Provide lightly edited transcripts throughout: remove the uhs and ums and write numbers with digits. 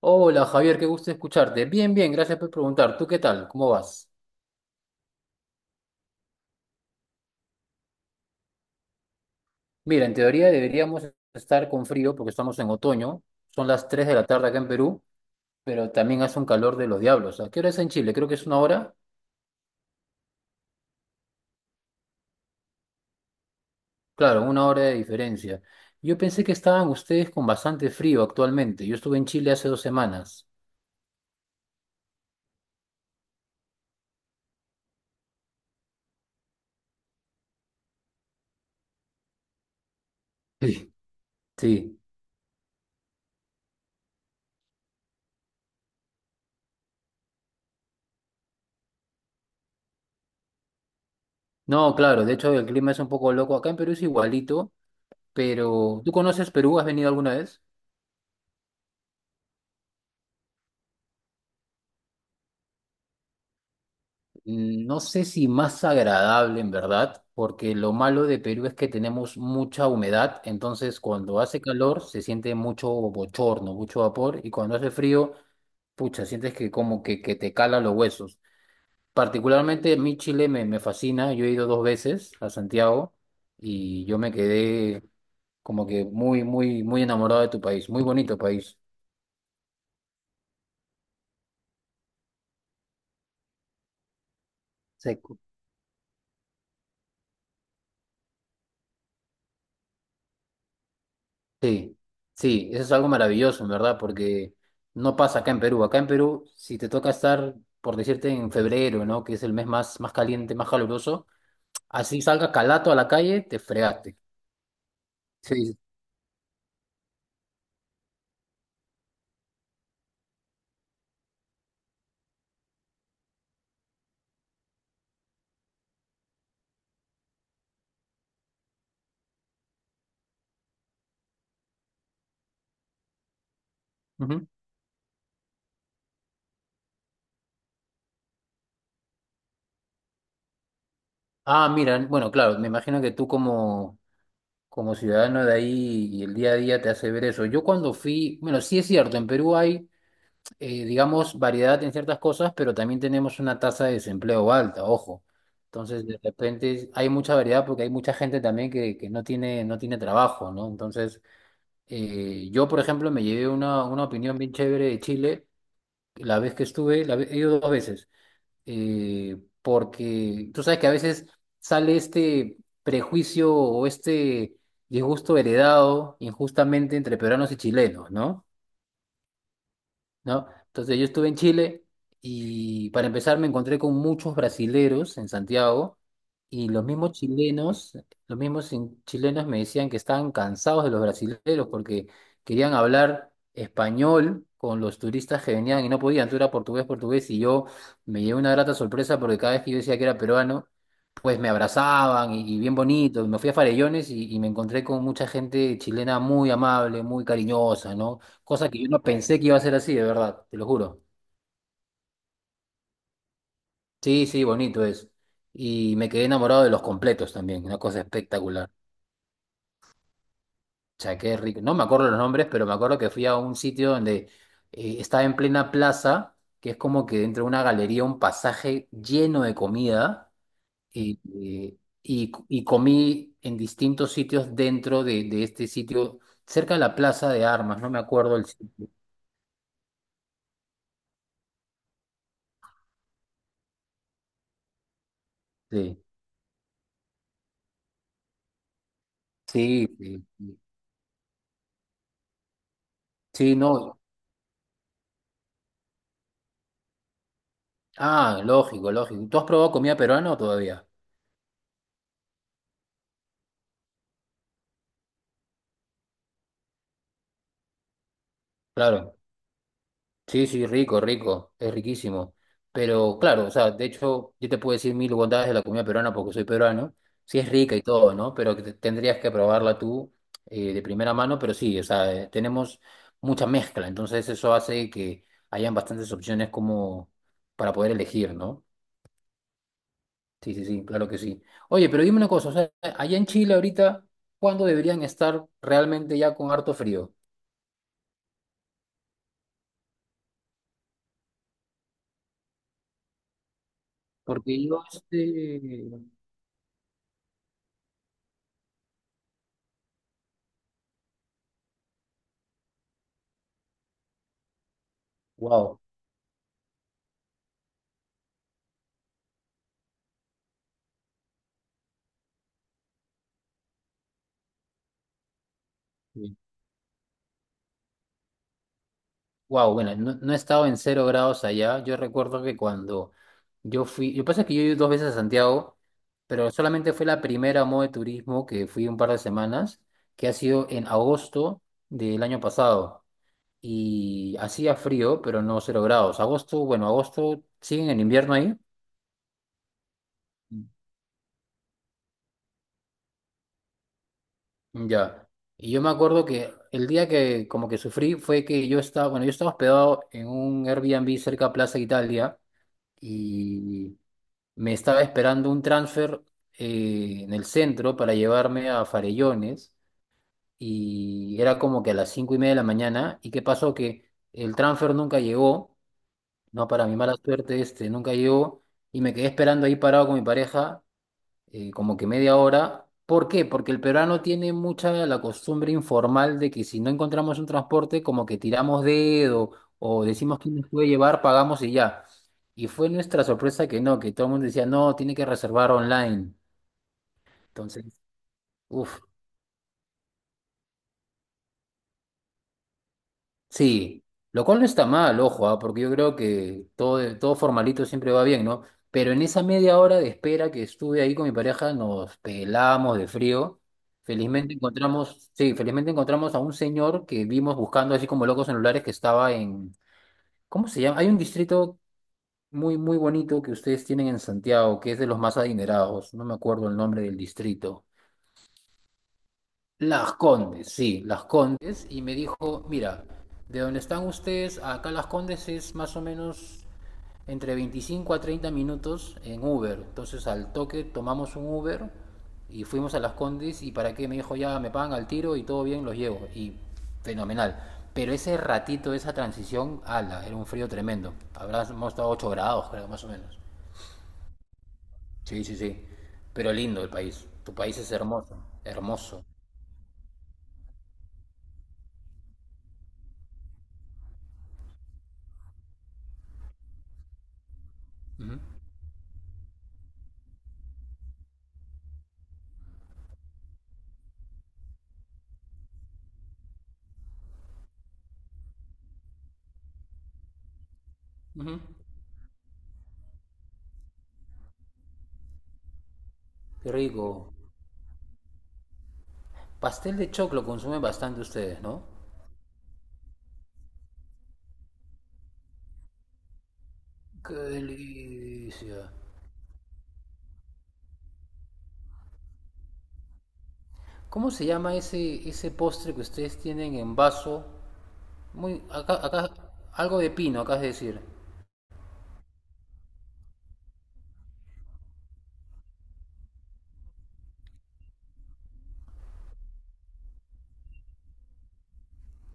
Hola Javier, qué gusto escucharte. Bien, bien, gracias por preguntar. ¿Tú qué tal? ¿Cómo vas? Mira, en teoría deberíamos estar con frío porque estamos en otoño. Son las 3 de la tarde acá en Perú, pero también hace un calor de los diablos. ¿A qué hora es en Chile? Creo que es una hora. Claro, una hora de diferencia. Yo pensé que estaban ustedes con bastante frío actualmente. Yo estuve en Chile hace 2 semanas. Sí. Sí. No, claro, de hecho el clima es un poco loco. Acá en Perú es igualito, pero ¿tú conoces Perú? ¿Has venido alguna vez? No sé si más agradable en verdad, porque lo malo de Perú es que tenemos mucha humedad, entonces cuando hace calor se siente mucho bochorno, mucho vapor, y cuando hace frío, pucha, sientes que que te cala los huesos. Particularmente a mí Chile me fascina, yo he ido 2 veces a Santiago y yo me quedé como que muy, muy, muy enamorado de tu país, muy bonito país. Sí. Sí, sí, eso es algo maravilloso, en verdad, porque no pasa acá en Perú. Acá en Perú, si te toca estar, por decirte, en febrero, ¿no? Que es el mes más caliente, más caluroso, así salga calato a la calle, te fregaste. Sí. Ujú. Ah, mira, bueno, claro, me imagino que tú como ciudadano de ahí y el día a día te hace ver eso. Yo cuando fui, bueno, sí es cierto, en Perú hay digamos, variedad en ciertas cosas, pero también tenemos una tasa de desempleo alta, ojo. Entonces, de repente hay mucha variedad porque hay mucha gente también que no tiene, no tiene trabajo, ¿no? Entonces, yo, por ejemplo, me llevé una opinión bien chévere de Chile la vez que estuve, he ido dos veces, porque tú sabes que a veces sale este prejuicio o este disgusto heredado injustamente entre peruanos y chilenos, ¿no? ¿No? Entonces yo estuve en Chile y para empezar me encontré con muchos brasileros en Santiago y los mismos chilenos, chilenos me decían que estaban cansados de los brasileros porque querían hablar español con los turistas que venían y no podían, tú era portugués, portugués y yo me llevé una grata sorpresa porque cada vez que yo decía que era peruano, pues me abrazaban y bien bonito, me fui a Farellones y me encontré con mucha gente chilena muy amable, muy cariñosa, ¿no? Cosa que yo no pensé que iba a ser así, de verdad, te lo juro. Sí, sí, bonito es. Y me quedé enamorado de los completos también, una cosa espectacular. O sea, qué rico. No me acuerdo los nombres, pero me acuerdo que fui a un sitio donde estaba en plena plaza, que es como que dentro de una galería, un pasaje lleno de comida, y, eh, y comí en distintos sitios dentro de este sitio, cerca de la Plaza de Armas, no me acuerdo el sitio. Sí, sí, sí. Sí, no. Ah, lógico, lógico. ¿Tú has probado comida peruana o todavía? Claro. Sí, sí, rico, rico. Es riquísimo. Pero claro, o sea, de hecho, yo te puedo decir mil bondades de la comida peruana porque soy peruano. Sí es rica y todo, ¿no? Pero tendrías que probarla tú de primera mano. Pero sí, o sea, tenemos mucha mezcla. Entonces eso hace que hayan bastantes opciones como para poder elegir, ¿no? Sí, sí, sí, claro que sí. Oye, pero dime una cosa, o sea, allá en Chile ahorita, ¿cuándo deberían estar realmente ya con harto frío? Porque yo, este, wow, wow, bueno, no, no he estado en 0 grados allá. Yo recuerdo que cuando yo fui, lo que pasa es que yo he ido dos veces a Santiago, pero solamente fue la primera modo de turismo que fui un par de semanas, que ha sido en agosto del año pasado. Y hacía frío, pero no 0 grados. Agosto, bueno, agosto siguen en invierno ahí. Ya. Y yo me acuerdo que el día que como que sufrí fue que yo estaba, bueno, yo estaba hospedado en un Airbnb cerca de Plaza Italia y me estaba esperando un transfer en el centro para llevarme a Farellones y era como que a las 5:30 de la mañana y qué pasó que el transfer nunca llegó, no para mi mala suerte este, nunca llegó y me quedé esperando ahí parado con mi pareja como que media hora. ¿Por qué? Porque el peruano tiene mucha la costumbre informal de que si no encontramos un transporte, como que tiramos dedo o decimos quién nos puede llevar, pagamos y ya. Y fue nuestra sorpresa que no, que todo el mundo decía, no, tiene que reservar online. Entonces, uff, Sí, lo cual no está mal, ojo, ah, porque yo creo que todo, todo formalito siempre va bien, ¿no? Pero en esa media hora de espera que estuve ahí con mi pareja, nos pelamos de frío. Felizmente encontramos, sí, felizmente encontramos a un señor que vimos buscando así como locos en lugares que ¿cómo se llama? Hay un distrito muy, muy bonito que ustedes tienen en Santiago, que es de los más adinerados. No me acuerdo el nombre del distrito. Las Condes, sí, Las Condes, y me dijo, mira, de donde están ustedes, acá Las Condes es más o menos entre 25 a 30 minutos en Uber. Entonces al toque tomamos un Uber y fuimos a Las Condes y para qué me dijo, ya me pagan al tiro y todo bien, los llevo. Y fenomenal. Pero ese ratito, esa transición, ala, era un frío tremendo. Habramos estado 8 grados, creo, más o menos. Sí, sí, sí. Pero lindo el país. Tu país es hermoso, hermoso. Ujú, ujú. Qué rico. Pastel de choclo consumen bastante ustedes, ¿no? ¡Qué delicia! ¿Cómo se llama ese, ese postre que ustedes tienen en vaso? Muy, acá, acá, algo de pino, acá es decir.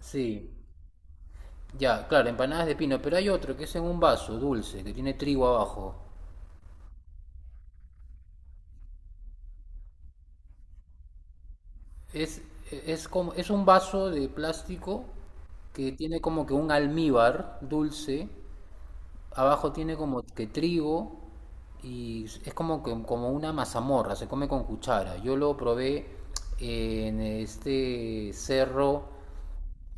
Sí, ya, claro, empanadas de pino, pero hay otro que es en un vaso dulce, que tiene trigo abajo. Es, es un vaso de plástico que tiene como que un almíbar dulce. Abajo tiene como que trigo y es como, como una mazamorra, se come con cuchara. Yo lo probé en este cerro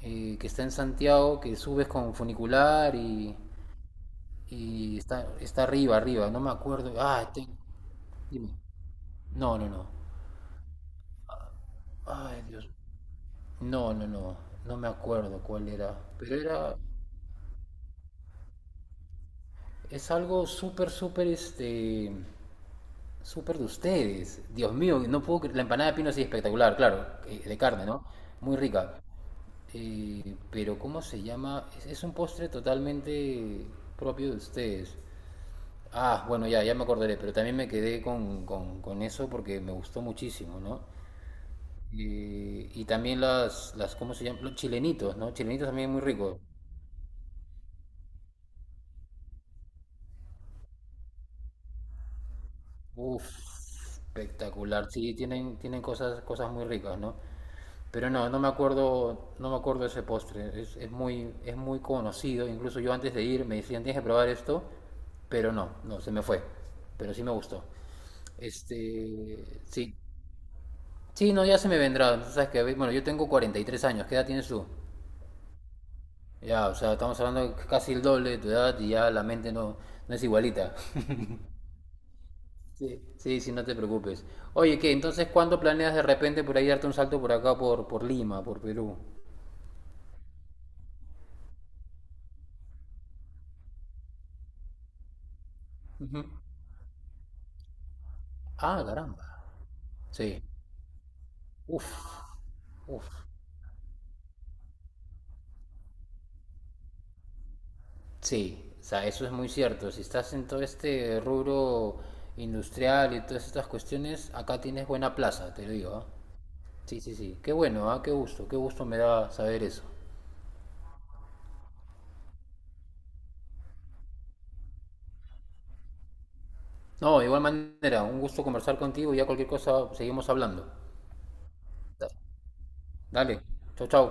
que está en Santiago, que subes con funicular y está, está arriba, arriba, no me acuerdo. Dime. No, no, no. Ay, Dios. No, no, no. No me acuerdo cuál era. Pero era. Es algo súper, súper este. Súper de ustedes. Dios mío, no puedo cre- La empanada de pino sí espectacular, claro, de carne, ¿no? Muy rica. Pero ¿cómo se llama? Es un postre totalmente propio de ustedes. Ah, bueno, ya, ya me acordaré, pero también me quedé con eso porque me gustó muchísimo, ¿no? Y también ¿cómo se llaman? Los chilenitos, ¿no? Chilenitos también muy ricos. Uf, espectacular. Sí, tienen, tienen cosas, cosas muy ricas, ¿no? Pero no, no me acuerdo, no me acuerdo ese postre. Es muy, es muy conocido. Incluso yo antes de ir me decían, tienes que probar esto, pero no, no, se me fue. Pero sí me gustó. Este, sí. Sí, no, ya se me vendrá. Tú sabes que, bueno, yo tengo 43 años. ¿Qué edad tienes tú? Ya, o sea, estamos hablando de casi el doble de tu edad y ya la mente no, no es igualita. Sí, sí, sí, no te preocupes. Oye, ¿qué? Entonces, ¿cuándo planeas de repente por ahí darte un salto por acá, por Lima, por Perú? Ujú. Ah, caramba. Sí. Uf, uf, sí, o sea, eso es muy cierto. Si estás en todo este rubro industrial y todas estas cuestiones, acá tienes buena plaza, te lo digo, ¿ah? Sí, sí, sí. Qué bueno, ¿ah? Qué gusto me da saber eso. No, de igual manera, un gusto conversar contigo y ya cualquier cosa seguimos hablando. Dale, Dale, chau, chau.